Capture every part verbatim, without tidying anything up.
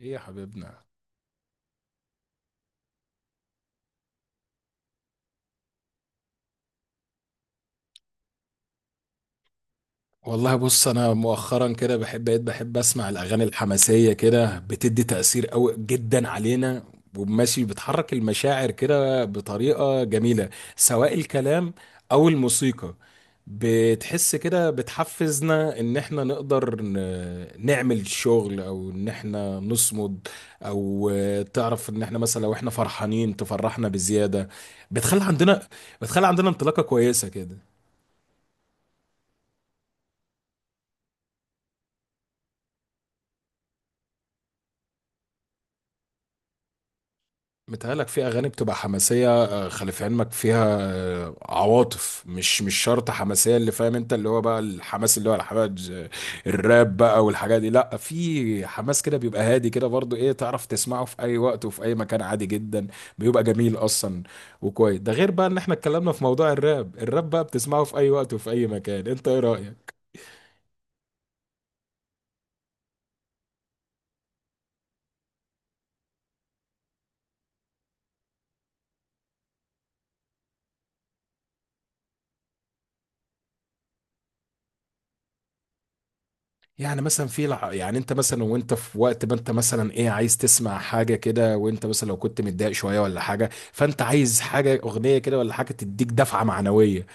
ايه يا حبيبنا. والله بص، انا مؤخرا كده بحب بقيت بحب اسمع الاغاني الحماسيه كده، بتدي تاثير قوي جدا علينا وماشي، بتحرك المشاعر كده بطريقه جميله، سواء الكلام او الموسيقى. بتحس كده بتحفزنا ان احنا نقدر ن- نعمل شغل او ان احنا نصمد، او آه، تعرف ان احنا مثلا لو احنا فرحانين تفرحنا بزياده، بتخلي عندنا، بتخلي عندنا انطلاقه كويسه كده. متهيألك في أغاني بتبقى حماسية، آه، خلي في علمك فيها آه، عواطف، مش مش شرط حماسية، اللي فاهم أنت اللي هو بقى الحماس، اللي هو الحماس. آه، الراب بقى والحاجات دي لأ، في حماس كده بيبقى هادي كده برضو، إيه، تعرف تسمعه في أي وقت وفي أي مكان عادي جدا، بيبقى جميل أصلا. وكويس، ده غير بقى إن إحنا اتكلمنا في موضوع الراب. الراب بقى بتسمعه في أي وقت وفي أي مكان. أنت إيه رأيك؟ يعني مثلا في لح- يعني انت مثلا وانت في وقت، ما انت مثلا ايه، عايز تسمع حاجه كده، وانت مثلا لو كنت متضايق شويه ولا حاجه، فانت عايز حاجه، اغنيه كده ولا حاجه، تديك دفعه معنويه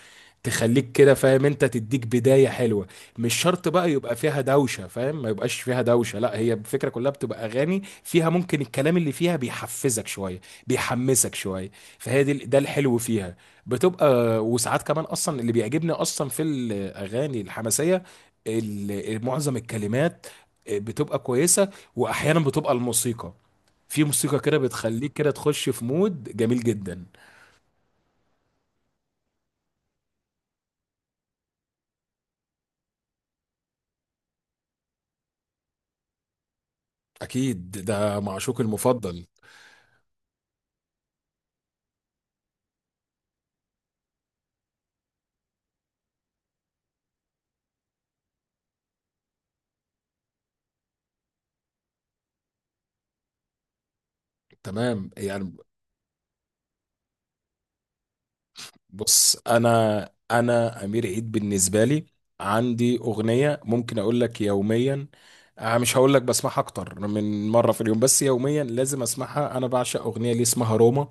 تخليك كده، فاهم انت، تديك بداية حلوة. مش شرط بقى يبقى فيها دوشة، فاهم، ما يبقاش فيها دوشة لا، هي الفكرة كلها بتبقى اغاني فيها ممكن الكلام اللي فيها بيحفزك شوية، بيحمسك شوية، فهي دي، ده الحلو فيها. بتبقى، وساعات كمان اصلا اللي بيعجبني اصلا في الاغاني الحماسية ال- معظم الكلمات بتبقى كويسة، واحيانا بتبقى الموسيقى، في موسيقى كده بتخليك كده تخش في مود جميل جدا. اكيد، ده معشوق المفضل. تمام. يعني بص، انا انا امير عيد بالنسبه لي عندي اغنيه ممكن اقول لك يوميا. آه، مش هقول لك بسمعها اكتر من مره في اليوم، بس يوميا لازم اسمعها. انا بعشق اغنيه ليه اسمها روما.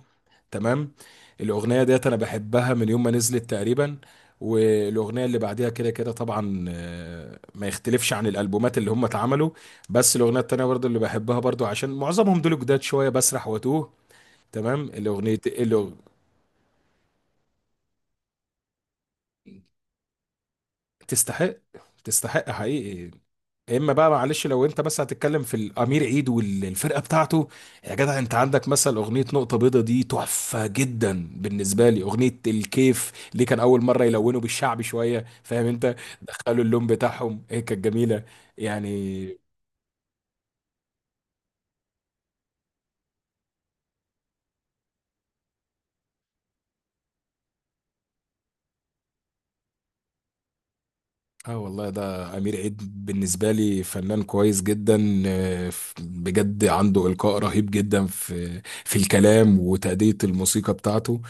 تمام. الاغنيه ديت انا بحبها من يوم ما نزلت تقريبا، والاغنيه اللي بعديها كده كده طبعا، آه، ما يختلفش عن الالبومات اللي هم اتعملوا. بس الاغنيه التانيه برضو اللي بحبها برضو، عشان معظمهم دول جداد شويه، بسرح واتوه. تمام الاغنيه. تستحق، تستحق حقيقي. يا اما بقى معلش لو انت بس هتتكلم في الامير عيد والفرقه بتاعته، يا جدع انت عندك مثلا اغنيه نقطه بيضه دي، تحفه جدا بالنسبه لي. اغنيه الكيف اللي كان اول مره يلونوا بالشعبي شويه، فاهم انت، دخلوا اللون بتاعهم، هي كانت جميله يعني. اه والله، ده امير عيد بالنسبه لي فنان كويس جدا، آه، ف- بجد عنده القاء رهيب جدا في في الكلام وتأدية الموسيقى بتاعته.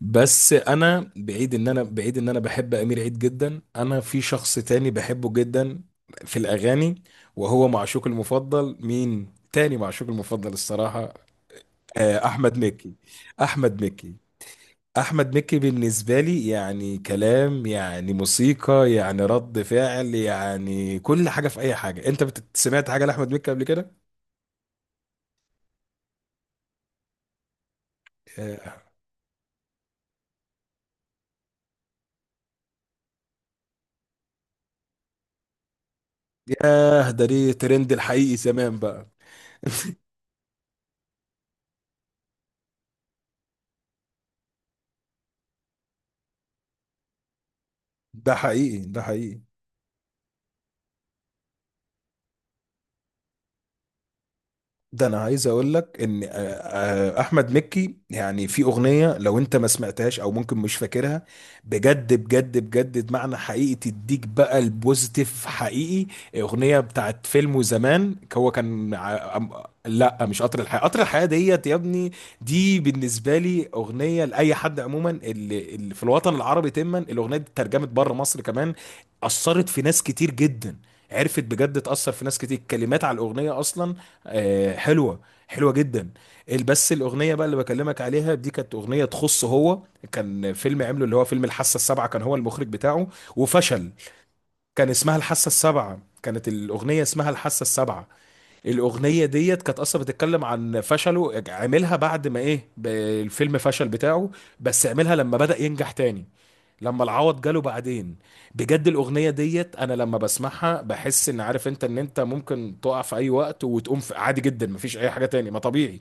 بس انا بعيد ان انا، بعيد ان انا بحب امير عيد جدا، انا في شخص تاني بحبه جدا في الاغاني، وهو معشوق المفضل. مين تاني معشوق المفضل الصراحة؟ آه، احمد مكي، احمد مكي. احمد مكي بالنسبة لي يعني كلام، يعني موسيقى، يعني رد فعل، يعني كل حاجة في اي حاجة. انت بت- سمعت حاجة لاحمد مكي قبل كده؟ آه، ياه، ده ليه ترند الحقيقي زمان بقى. ده حقيقي، ده حقيقي. ده انا عايز اقول لك ان آه، آه، احمد مكي يعني في اغنيه، لو انت ما سمعتهاش او ممكن مش فاكرها، بجد بجد بجد معنى حقيقي تديك بقى البوزيتيف حقيقي. اغنيه بتاعت فيلم زمان، هو كان ع- أم- لا مش قطر الحياه، قطر الحياه ديت يا ابني. دي بالنسبه لي اغنيه لاي حد عموما اللي, اللي في الوطن العربي. تما الاغنيه دي اترجمت بره مصر كمان، اثرت في ناس كتير جدا، عرفت بجد تأثر في ناس كتير. الكلمات على الأغنية أصلا آه، حلوه، حلوه جدا. ال- بس الاغنيه بقى اللي بكلمك عليها دي كانت اغنيه تخصه هو. كان فيلم عمله اللي هو فيلم الحاسه السابعه، كان هو المخرج بتاعه، وفشل. كان اسمها الحاسه السابعه، كانت الاغنيه اسمها الحاسه السابعه. الاغنيه ديت كانت اصلا بتتكلم عن فشله، عملها بعد ما ايه ب- الفيلم فشل بتاعه، بس عملها لما بدأ ينجح تاني، لما العوض جاله بعدين. بجد الاغنيه ديت انا لما بسمعها بحس ان، عارف انت ان انت ممكن تقع في اي وقت وتقوم في عادي جدا، مفيش اي حاجه تاني، ما طبيعي،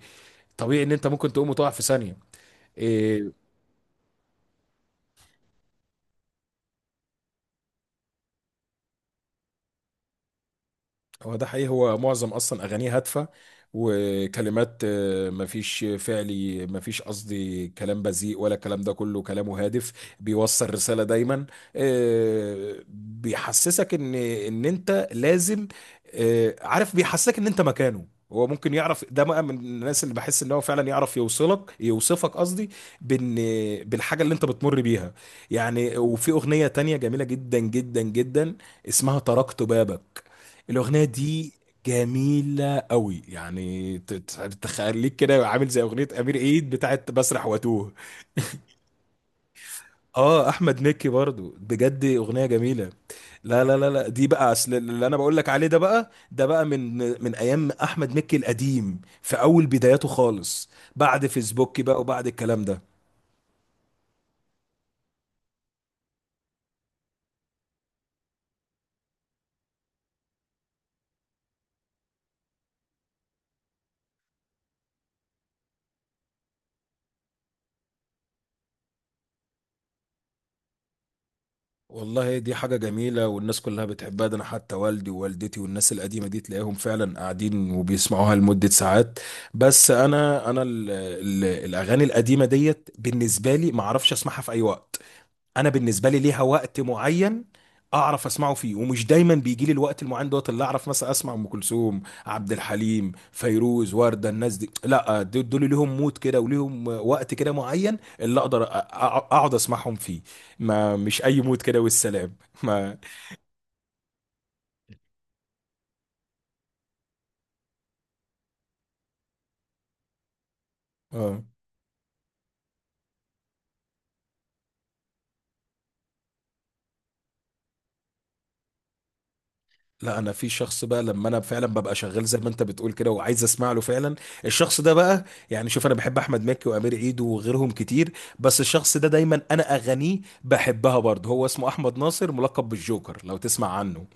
طبيعي ان انت ممكن تقوم وتقع في ثانيه. إيه. هو ده حقيقي، هو معظم اصلا اغانيه هادفه، وكلمات آه، مفيش فعلي، مفيش قصدي كلام بذيء ولا الكلام ده كله، كلامه هادف، بيوصل رساله دايما. آه، بيحسسك ان ان انت لازم، آه، عارف، بيحسسك ان انت مكانه، هو ممكن يعرف ده بقى من الناس اللي بحس ان هو فعلا يعرف يوصلك، يوصفك قصدي، بان بالحاجه اللي انت بتمر بيها. يعني وفي اغنيه تانية جميله جدا جدا جدا، اسمها تركت بابك. الأغنية دي جميلة قوي، يعني ت- ت- تخليك كده عامل زي أغنية أمير عيد بتاعت بسرح واتوه. اه أحمد مكي برضو، بجد أغنية جميلة. لا لا لا لا، دي بقى أصل اللي أنا بقول لك عليه، ده بقى ده بقى من من أيام أحمد مكي القديم في أول بداياته خالص، بعد فيسبوك بقى وبعد الكلام ده. والله دي حاجة جميلة، والناس كلها بتحبها، ده أنا حتى والدي ووالدتي والناس القديمة دي تلاقيهم فعلا قاعدين وبيسمعوها لمدة ساعات. بس أنا أنا ال ال الأغاني القديمة ديت بالنسبة لي ما أعرفش أسمعها في أي وقت. انا بالنسبه لي ليها وقت معين اعرف اسمعه فيه، ومش دايما بيجي لي الوقت المعين دوت، اللي اعرف مثلا اسمع ام كلثوم، عبد الحليم، فيروز، ورده. الناس دي لا دو- دول ليهم مود كده وليهم وقت كده معين اللي اقدر أ- أ- اقعد اسمعهم فيه، ما مش اي مود كده والسلام. ما آه. لا انا في شخص بقى لما انا فعلا ببقى شغال زي ما انت بتقول كده، وعايز اسمع له فعلا، الشخص ده بقى، يعني شوف، انا بحب احمد مكي وامير عيد وغيرهم كتير، بس الشخص ده دايما انا اغانيه بحبها برضه، هو اسمه احمد ناصر ملقب بالجوكر لو تسمع عنه.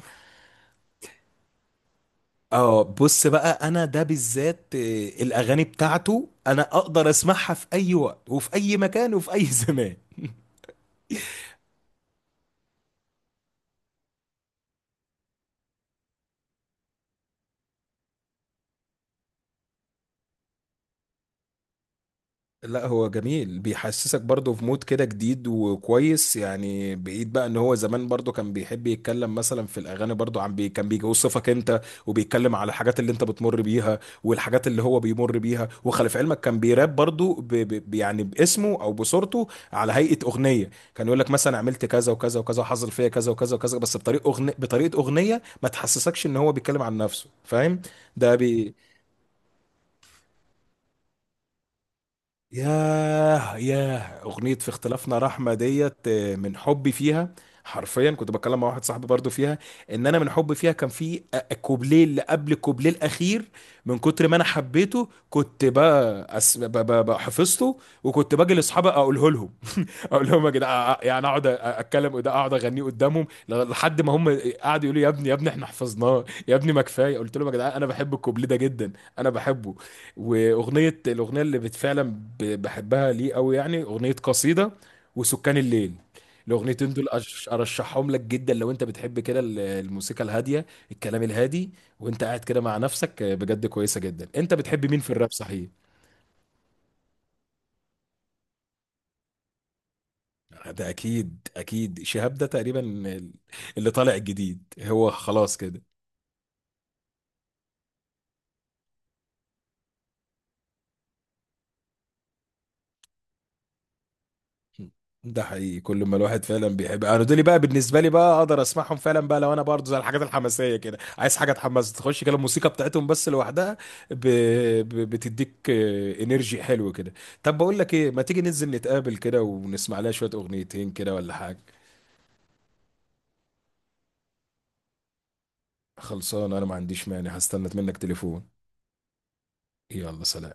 اه، بص بقى، انا ده بالذات آه، الاغاني بتاعته انا اقدر اسمعها في اي وقت وفي اي مكان وفي اي زمان. لا هو جميل، بيحسسك برضه في مود كده جديد وكويس، يعني بعيد بقى ان هو زمان برضه كان بيحب يتكلم مثلا في الاغاني برضه عن بي، كان بيوصفك انت وبيتكلم على الحاجات اللي انت بتمر بيها والحاجات اللي هو بيمر بيها. وخلي في علمك كان بيراب برضه ب... ب... ب- يعني باسمه او بصورته على هيئة اغنية، كان يقول لك مثلا عملت كذا وكذا وكذا، حصل فيا كذا وكذا وكذا، بس بطريقة اغنية، بطريقة اغنية ما تحسسكش ان هو بيتكلم عن نفسه، فاهم. ده بي... ياه، ياه، أغنية في اختلافنا رحمة ديت، آه، من حبي فيها. حرفيا كنت بتكلم مع واحد صاحبي برضو فيها، ان انا من حبي فيها كان في أ- كوبليه اللي قبل الكوبليه الاخير، من كتر ما انا حبيته كنت بقى أس... ب... ب... ب- حفظته، وكنت باجي لاصحابي اقوله لهم، اقول لهم يا جدعان، يعني اقعد اتكلم ده، اقعد اغنيه قدامهم لحد ما هم قعدوا يقولوا لي يا ابني، يا ابني احنا حفظناه يا ابني ما كفايه، قلت لهم يا جدعان انا بحب الكوبليه ده جدا، انا بحبه. واغنيه الاغنيه اللي بت- فعلا ب- بحبها ليه قوي يعني، اغنيه قصيده، وسكان الليل، الاغنيتين دول أش- ارشحهم لك جدا لو انت بتحب كده ال- الموسيقى الهاديه، الكلام الهادي، وانت قاعد كده مع نفسك. بجد كويسه جدا. انت بتحب مين في الراب صحيح؟ ده اكيد، اكيد شهاب ده تقريبا ال- اللي طالع الجديد هو، خلاص كده. ده حقيقي، كل ما الواحد فعلا بيحب، انا دول بقى بالنسبه لي بقى اقدر اسمعهم فعلا بقى لو انا برضه زي الحاجات الحماسيه كده، عايز حاجه تحمس، تخش كده الموسيقى بتاعتهم بس لوحدها ب... ب... بتديك آه، انرجي حلو كده. طب بقول لك ايه، ما تيجي ننزل نتقابل كده ونسمع لها شويه اغنيتين كده ولا حاجه؟ خلصان، انا ما عنديش مانع، هستنى منك تليفون. يلا سلام.